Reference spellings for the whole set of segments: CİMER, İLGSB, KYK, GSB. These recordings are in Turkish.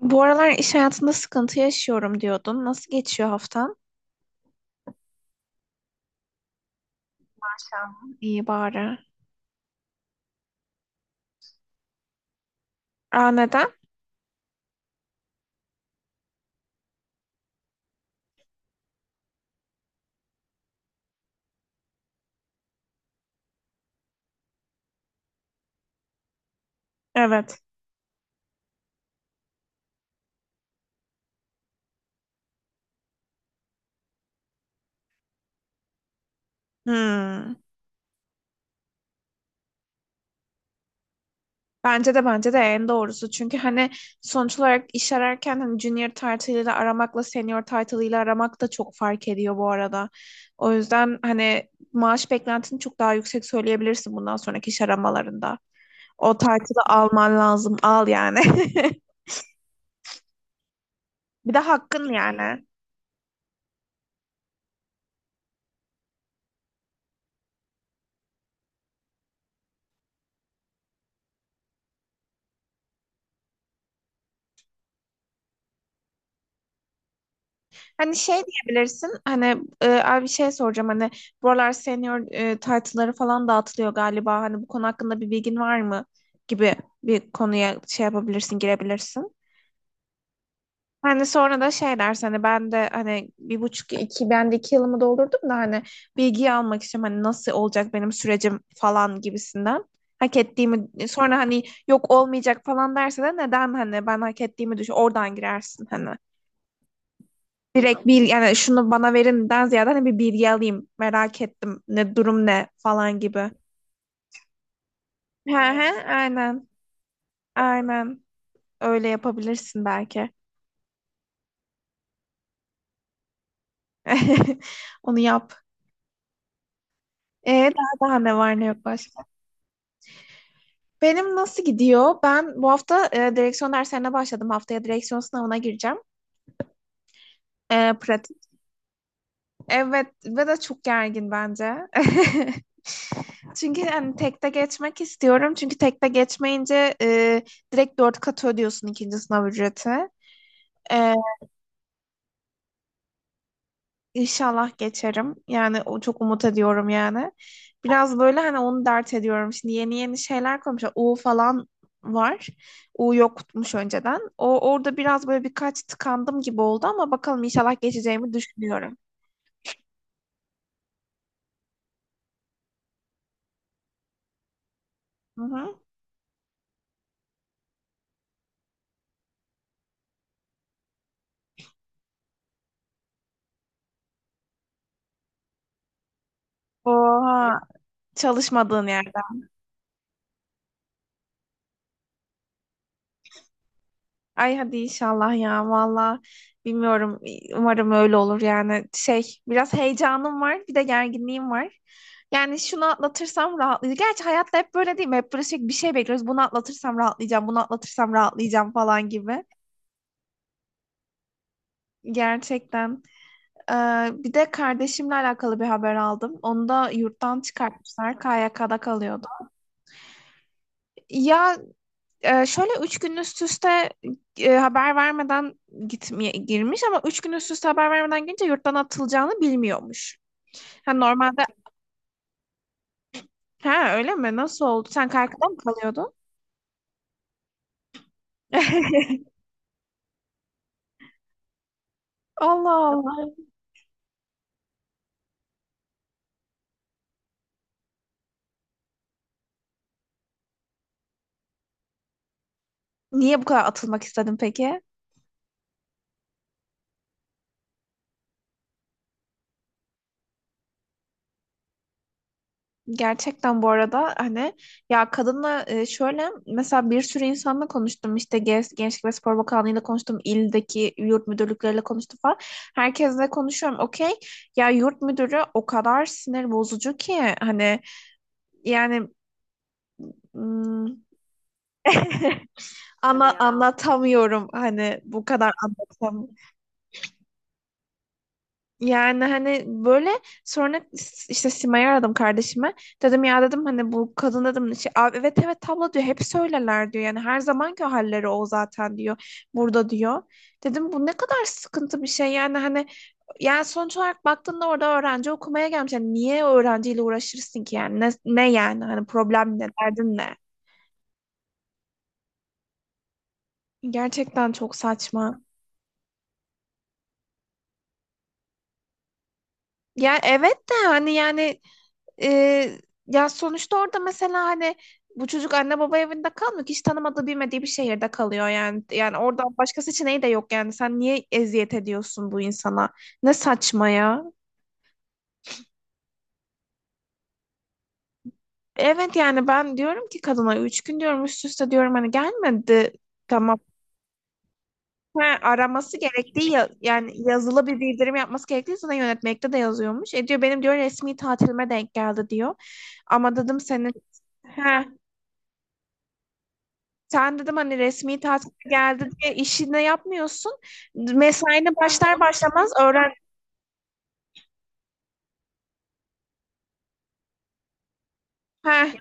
Bu aralar iş hayatında sıkıntı yaşıyorum diyordun. Nasıl geçiyor haftan? Tamam. İyi bari. Aa, neden? Evet. Hmm. Bence de en doğrusu. Çünkü hani sonuç olarak iş ararken hani junior title ile aramakla senior title ile aramak da çok fark ediyor bu arada. O yüzden hani maaş beklentini çok daha yüksek söyleyebilirsin bundan sonraki iş aramalarında. O title'ı alman lazım. Al yani. Bir de hakkın yani. Hani şey diyebilirsin hani abi bir şey soracağım hani bu aralar senior title'ları falan dağıtılıyor galiba hani bu konu hakkında bir bilgin var mı gibi bir konuya şey yapabilirsin girebilirsin. Hani sonra da şey dersin hani ben de hani bir buçuk iki ben de iki yılımı doldurdum da hani bilgiyi almak istiyorum hani nasıl olacak benim sürecim falan gibisinden. Hak ettiğimi sonra hani yok olmayacak falan derse de neden hani ben hak ettiğimi düşün oradan girersin hani. Direkt bir yani şunu bana verinden ziyade hani bir bilgi alayım. Merak ettim. Ne durum ne falan gibi. He he aynen. Aynen. Öyle yapabilirsin belki. Onu yap. Daha daha ne var ne yok başka? Benim nasıl gidiyor? Ben bu hafta direksiyon derslerine başladım. Haftaya direksiyon sınavına gireceğim. Pratik. Evet ve de çok gergin bence. Çünkü hani tekte geçmek istiyorum. Çünkü tekte geçmeyince direkt dört kat ödüyorsun ikinci sınav ücreti. E, inşallah geçerim. Yani o çok umut ediyorum yani. Biraz böyle hani onu dert ediyorum. Şimdi yeni yeni şeyler koymuşlar. U falan var. U yokmuş önceden. O orada biraz böyle birkaç tıkandım gibi oldu ama bakalım inşallah geçeceğimi düşünüyorum. Hı hı. Oha, çalışmadığın yer. Ay, hadi inşallah ya, valla bilmiyorum, umarım öyle olur yani şey biraz heyecanım var bir de gerginliğim var. Yani şunu atlatırsam rahatlayacağım. Gerçi hayatta hep böyle değil mi? Hep böyle sürekli bir şey bekliyoruz. Bunu atlatırsam rahatlayacağım, bunu atlatırsam rahatlayacağım falan gibi. Gerçekten. Ee, bir de kardeşimle alakalı bir haber aldım. Onu da yurttan çıkartmışlar. KYK'da kalıyordu. Ya, şöyle üç gün üst üste haber vermeden gitmeye girmiş ama üç gün üst üste haber vermeden girince yurttan atılacağını bilmiyormuş. Ha, normalde. Ha, öyle mi? Nasıl oldu? Sen Kaykı'da mı kalıyordun? Allah Allah. Niye bu kadar atılmak istedin peki? Gerçekten bu arada hani ya kadınla şöyle mesela bir sürü insanla konuştum işte Gençlik ve Spor Bakanlığı'yla konuştum ildeki yurt müdürlükleriyle konuştum falan herkesle konuşuyorum okey ya yurt müdürü o kadar sinir bozucu ki hani yani hmm, Tabii ana ya. Anlatamıyorum hani bu kadar anlatamıyorum. Yani hani böyle sonra işte Sima'yı aradım kardeşime. Dedim ya dedim hani bu kadın dedim şey, "Abi evet evet tablo diyor hep söylerler diyor. Yani her zamanki halleri o zaten diyor. Burada diyor. Dedim bu ne kadar sıkıntı bir şey yani hani yani sonuç olarak baktığında orada öğrenci okumaya gelmiş. Yani niye öğrenciyle uğraşırsın ki yani ne yani hani problem ne derdin ne? Gerçekten çok saçma. Ya evet de hani yani Ee, ya sonuçta orada mesela hani bu çocuk anne baba evinde kalmıyor ki hiç tanımadığı bilmediği bir şehirde kalıyor yani. Yani orada başka seçeneği de yok yani. Sen niye eziyet ediyorsun bu insana? Ne saçma ya. Evet yani ben diyorum ki kadına üç gün diyorum üst üste diyorum hani gelmedi. Tamam. Ha, araması gerektiği yani yazılı bir bildirim yapması gerektiği sana yönetmekte de yazıyormuş. E, diyor benim diyor resmi tatilime denk geldi diyor. Ama dedim senin. He. Sen dedim hani resmi tatil geldi diye işini yapmıyorsun. Mesaine başlar başlamaz öğren. Heh.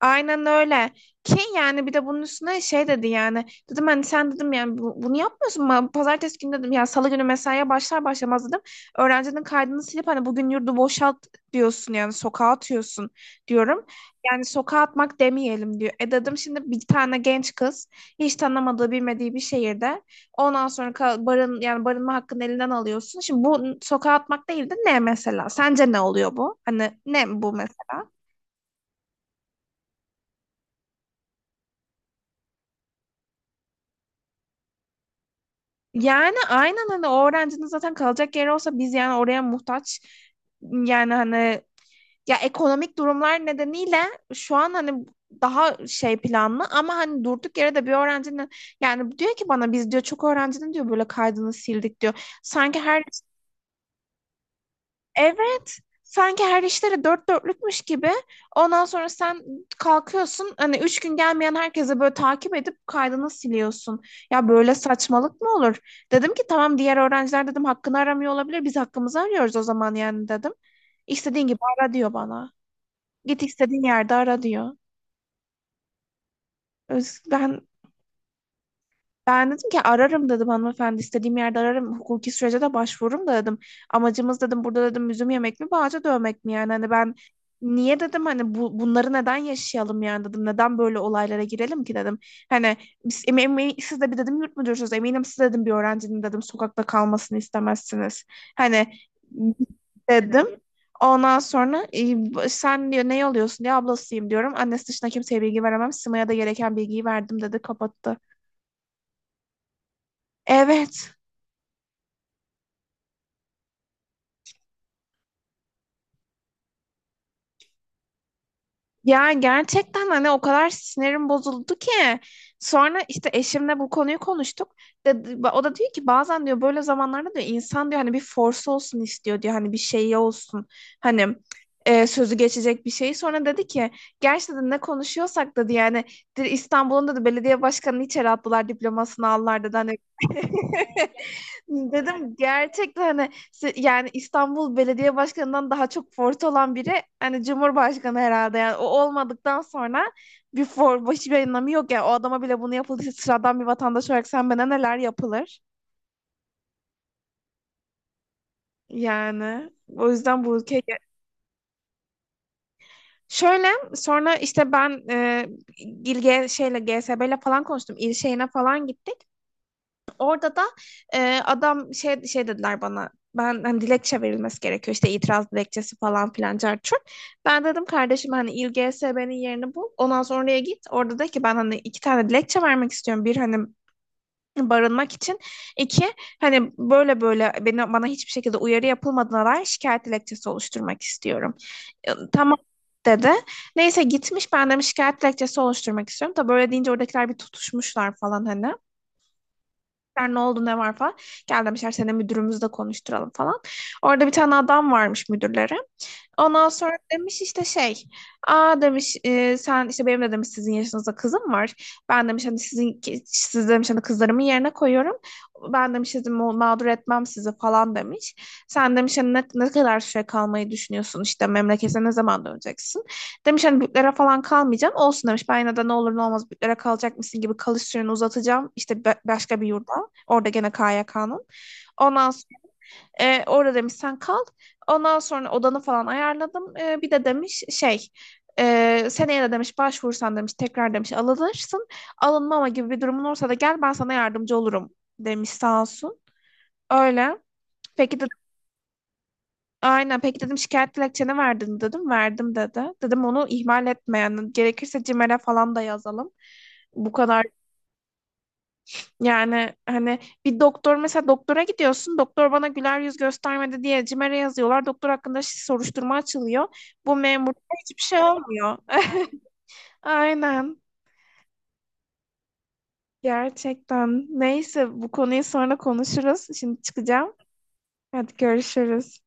Aynen öyle. Ki yani bir de bunun üstüne şey dedi yani. Dedim hani sen dedim yani bunu yapmıyorsun mu? Pazartesi günü dedim ya salı günü mesaiye başlar başlamaz dedim. Öğrencinin kaydını silip hani bugün yurdu boşalt diyorsun yani sokağa atıyorsun diyorum. Yani sokağa atmak demeyelim diyor. E, dedim şimdi bir tane genç kız hiç tanımadığı bilmediği bir şehirde ondan sonra ka- barın yani barınma hakkını elinden alıyorsun. Şimdi bu sokağa atmak değil de ne mesela? Sence ne oluyor bu? Hani ne bu mesela? Yani aynen hani o öğrencinin zaten kalacak yeri olsa biz yani oraya muhtaç. Yani hani ya ekonomik durumlar nedeniyle şu an hani daha şey planlı ama hani durduk yere de bir öğrencinin yani diyor ki bana biz diyor çok öğrencinin diyor böyle kaydını sildik diyor. Sanki her. Evet. Sanki her işleri dört dörtlükmüş gibi. Ondan sonra sen kalkıyorsun hani üç gün gelmeyen herkese böyle takip edip kaydını siliyorsun. Ya böyle saçmalık mı olur? Dedim ki tamam diğer öğrenciler dedim hakkını aramıyor olabilir. Biz hakkımızı arıyoruz o zaman yani dedim. İstediğin gibi ara diyor bana. Git istediğin yerde ara diyor. Öz- Ben Ben dedim ki ararım dedim hanımefendi istediğim yerde ararım hukuki sürece de başvururum da dedim. Amacımız dedim burada dedim üzüm yemek mi bağcı dövmek mi yani hani ben niye dedim hani bunları neden yaşayalım yani dedim neden böyle olaylara girelim ki dedim. Hani siz de bir dedim yurt müdürsünüz eminim siz dedim bir öğrencinin dedim sokakta kalmasını istemezsiniz. Hani dedim. Ondan sonra sen diyor ne oluyorsun diye ablasıyım diyorum. Annesi dışında kimseye bilgi veremem. Sima'ya da gereken bilgiyi verdim dedi kapattı. Evet. Ya gerçekten hani o kadar sinirim bozuldu ki. Sonra işte eşimle bu konuyu konuştuk. Dedi, o da diyor ki bazen diyor böyle zamanlarda diyor insan diyor hani bir force olsun istiyor diyor hani bir şey olsun. Hani sözü geçecek bir şey. Sonra dedi ki gerçekten ne konuşuyorsak dedi yani dedi, İstanbul'un dedi belediye başkanını içeri attılar diplomasını aldılar dedi hani. Dedim gerçekten hani işte yani İstanbul Belediye Başkanı'ndan daha çok forte olan biri hani Cumhurbaşkanı herhalde yani o olmadıktan sonra bir for başı bir anlamı yok yani o adama bile bunu yapıldıysa sıradan bir vatandaş olarak sen bana neler yapılır yani o yüzden bu ülke şöyle sonra işte ben e, İl- G- şeyle GSB ile falan konuştum il şeyine falan gittik. Orada da adam şey şey dediler bana. Ben hani dilekçe verilmesi gerekiyor işte itiraz dilekçesi falan filan çarçur. Ben dedim kardeşim hani İLGSB'nin yerini bul. Ondan sonra oraya git. Orada de ki ben hani iki tane dilekçe vermek istiyorum. Bir hani barınmak için. İki hani böyle böyle bana hiçbir şekilde uyarı yapılmadığına dair şikayet dilekçesi oluşturmak istiyorum. Tamam dedi. Neyse gitmiş ben de şikayet dilekçesi oluşturmak istiyorum. Tabii böyle deyince oradakiler bir tutuşmuşlar falan hani. Sen ne oldu ne var falan. Gel demişler seni müdürümüzle konuşturalım falan. Orada bir tane adam varmış müdürleri. Ondan sonra demiş işte şey, aa demiş sen işte benim de demiş sizin yaşınızda kızım var. Ben demiş hani sizin siz demiş hani kızlarımın yerine koyuyorum. Ben demiş sizi mağdur etmem sizi falan demiş. Sen demiş hani ne kadar süre kalmayı düşünüyorsun işte memlekete ne zaman döneceksin? Demiş hani büyüklere falan kalmayacağım. Olsun demiş ben yine de ne olur ne olmaz büyüklere kalacak mısın gibi kalış süreni uzatacağım. İşte başka bir yurda. Orada gene KYK'nın. Ondan orada demiş sen kal. Ondan sonra odanı falan ayarladım. Bir de demiş şey seneye de demiş başvursan demiş tekrar demiş alınırsın. Alınmama gibi bir durumun olursa da gel ben sana yardımcı olurum demiş sağ olsun. Öyle. Peki de aynen peki dedim şikayet dilekçeni verdin mi?" dedim. Verdim dedi. Dedim onu ihmal etmeyen gerekirse CİMER'e falan da yazalım. Bu kadar. Yani hani bir doktor mesela doktora gidiyorsun. Doktor bana güler yüz göstermedi diye CİMER'e yazıyorlar. Doktor hakkında soruşturma açılıyor. Bu memurda hiçbir şey olmuyor. Aynen. Gerçekten. Neyse bu konuyu sonra konuşuruz. Şimdi çıkacağım. Hadi görüşürüz.